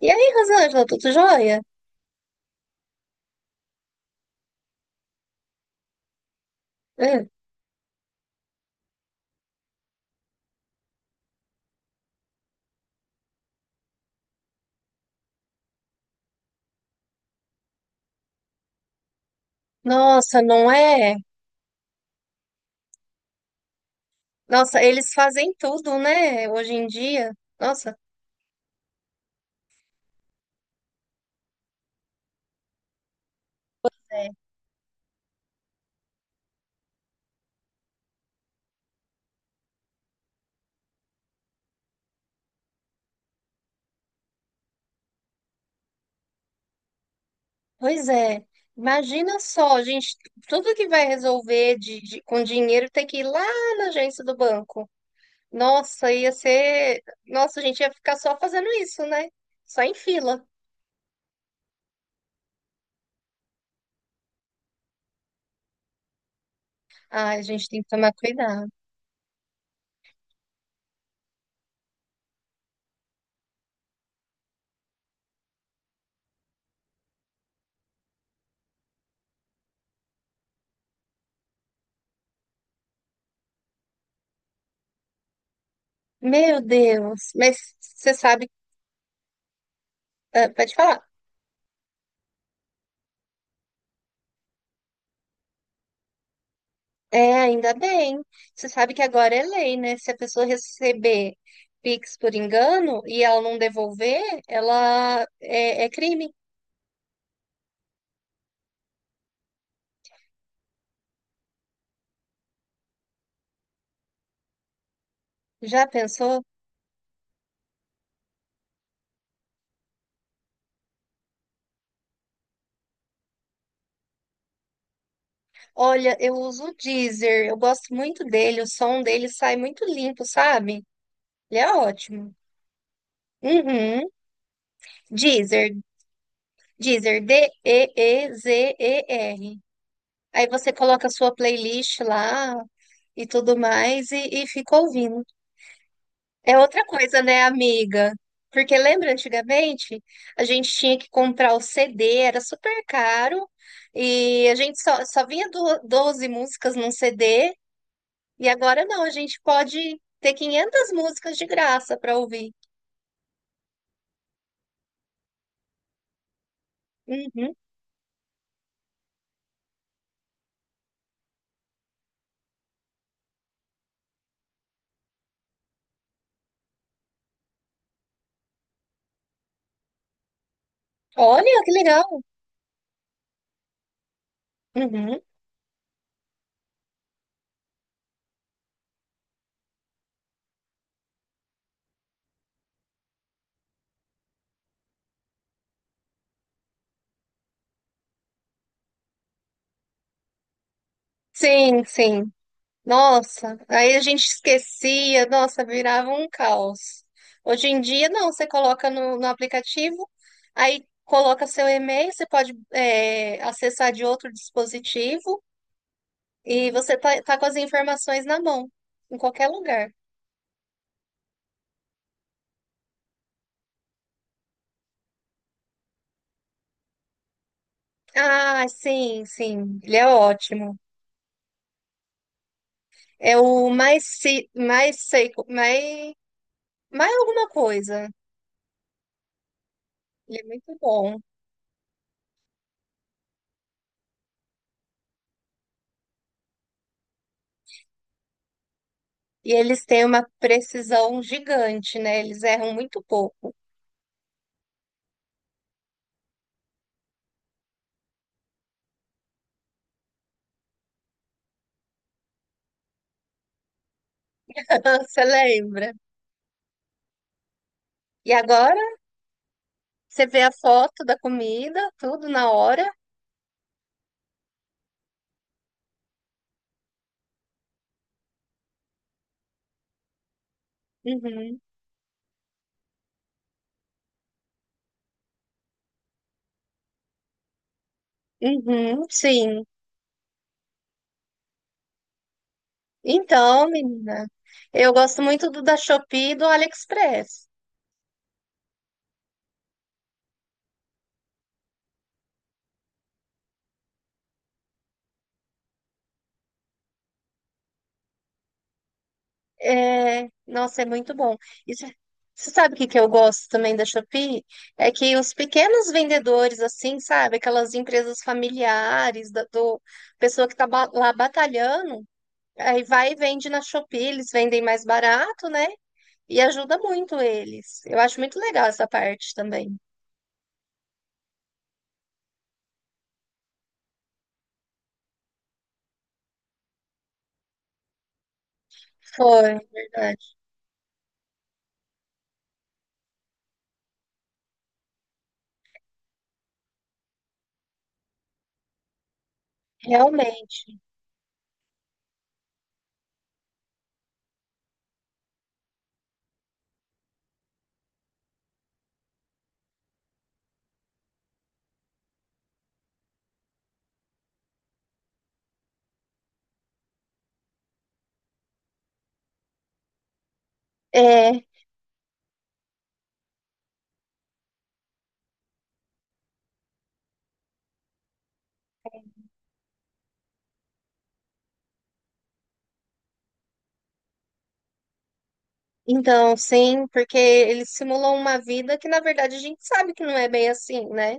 E aí, Rosângela, tudo jóia? Hum. Nossa, não é? Nossa, eles fazem tudo, né? Hoje em dia. Nossa, é. Pois é. Imagina só, gente, tudo que vai resolver com dinheiro tem que ir lá na agência do banco. Nossa, ia ser. Nossa, a gente ia ficar só fazendo isso, né? Só em fila. Ai, a gente tem que tomar cuidado. Meu Deus, mas você sabe, ah, pode falar. É, ainda bem. Você sabe que agora é lei, né? Se a pessoa receber Pix por engano e ela não devolver, ela é crime. Já pensou? Olha, eu uso o Deezer, eu gosto muito dele, o som dele sai muito limpo, sabe? Ele é ótimo. Uhum. Deezer, Deezer, D-E-E-Z-E-R. Aí você coloca a sua playlist lá e tudo mais e fica ouvindo. É outra coisa, né, amiga? Porque lembra antigamente a gente tinha que comprar o CD, era super caro e a gente só vinha do, 12 músicas num CD e agora não, a gente pode ter 500 músicas de graça para ouvir. Uhum. Olha que legal! Uhum. Sim, sim. Nossa, aí a gente esquecia, nossa, virava um caos. Hoje em dia, não, você coloca no aplicativo, aí coloca seu e-mail, você pode é, acessar de outro dispositivo e você tá com as informações na mão, em qualquer lugar. Ah, sim, sim, ele é ótimo. É o mais, se mais seco, mais, mais alguma coisa. Ele é muito bom. E eles têm uma precisão gigante, né? Eles erram muito pouco. Ah, você lembra? E agora você vê a foto da comida, tudo na hora. Uhum, uhum, sim. Então, menina, eu gosto muito do da Shopee e do AliExpress. É, nossa, é muito bom. E você sabe o que que eu gosto também da Shopee? É que os pequenos vendedores, assim, sabe? Aquelas empresas familiares, da do, pessoa que tá ba- lá batalhando, aí vai e vende na Shopee, eles vendem mais barato, né? E ajuda muito eles. Eu acho muito legal essa parte também. Foi, verdade. Realmente. É. Então, sim, porque eles simulam uma vida que, na verdade, a gente sabe que não é bem assim, né?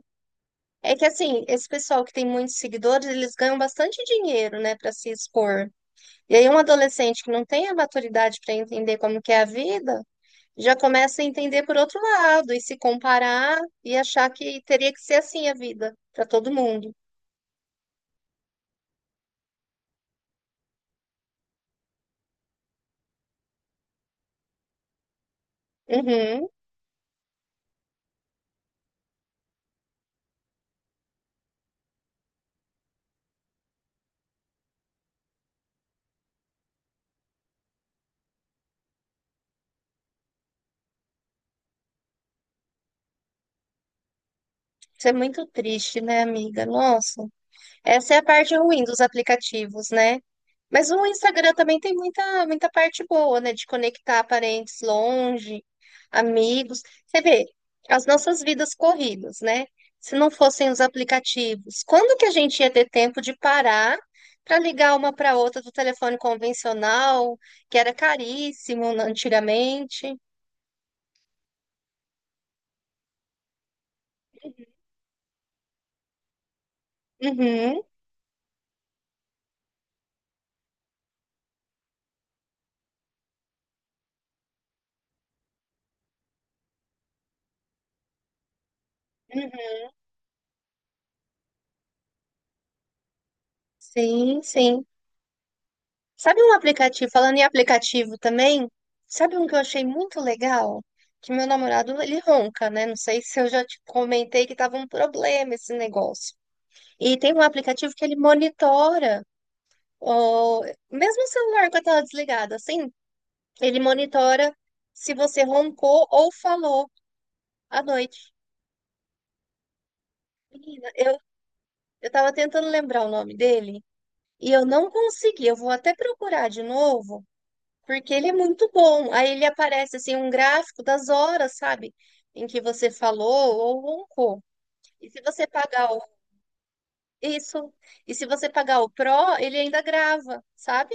É que, assim, esse pessoal que tem muitos seguidores, eles ganham bastante dinheiro, né, para se expor. E aí, um adolescente que não tem a maturidade para entender como que é a vida, já começa a entender por outro lado e se comparar e achar que teria que ser assim a vida para todo mundo. Uhum. Isso é muito triste, né, amiga? Nossa, essa é a parte ruim dos aplicativos, né? Mas o Instagram também tem muita parte boa, né? De conectar parentes longe, amigos. Você vê, as nossas vidas corridas, né? Se não fossem os aplicativos, quando que a gente ia ter tempo de parar para ligar uma para outra do telefone convencional, que era caríssimo antigamente? Uhum. Uhum. Sim, sim. Sabe um aplicativo, falando em aplicativo também, sabe um que eu achei muito legal? Que meu namorado, ele ronca, né? Não sei se eu já te comentei que tava um problema esse negócio. E tem um aplicativo que ele monitora, o... mesmo o celular com a tela desligada, assim, ele monitora se você roncou ou falou à noite. Menina, eu tava tentando lembrar o nome dele e eu não consegui. Eu vou até procurar de novo. Porque ele é muito bom. Aí ele aparece assim um gráfico das horas, sabe? Em que você falou ou roncou. E se você pagar o isso, e se você pagar o Pro, ele ainda grava, sabe?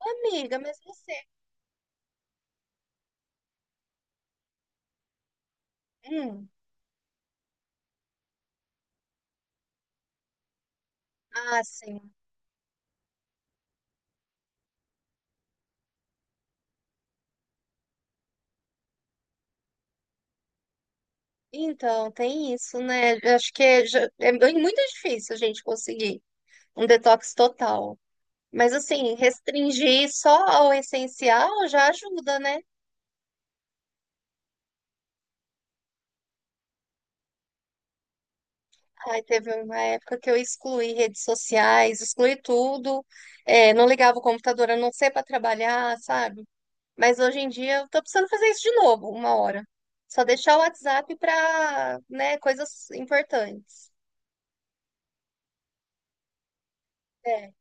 Ô, amiga, mas você. Hum. Ah, sim. Então, tem isso, né? Eu acho que muito difícil a gente conseguir um detox total. Mas assim, restringir só ao essencial já ajuda, né? Ai, teve uma época que eu excluí redes sociais, excluí tudo, é, não ligava o computador a não ser para trabalhar, sabe? Mas hoje em dia eu tô precisando fazer isso de novo, uma hora. Só deixar o WhatsApp para, né, coisas importantes. É.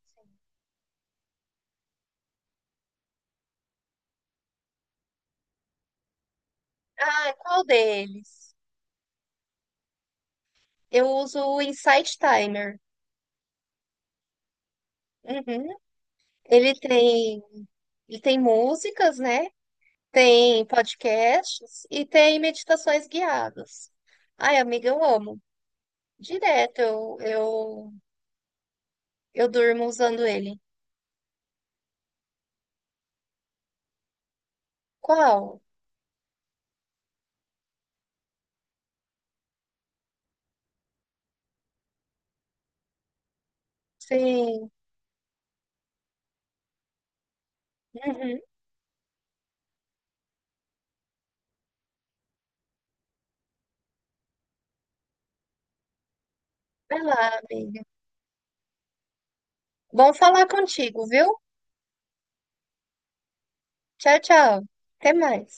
Ah, qual deles? Eu uso o Insight Timer. Uhum. Ele tem, ele tem músicas, né? Tem podcasts e tem meditações guiadas. Ai, amiga, eu amo. Direto, eu durmo usando ele. Qual? Sim. Uhum. Vai lá, amiga. Bom falar contigo, viu? Tchau, tchau. Até mais.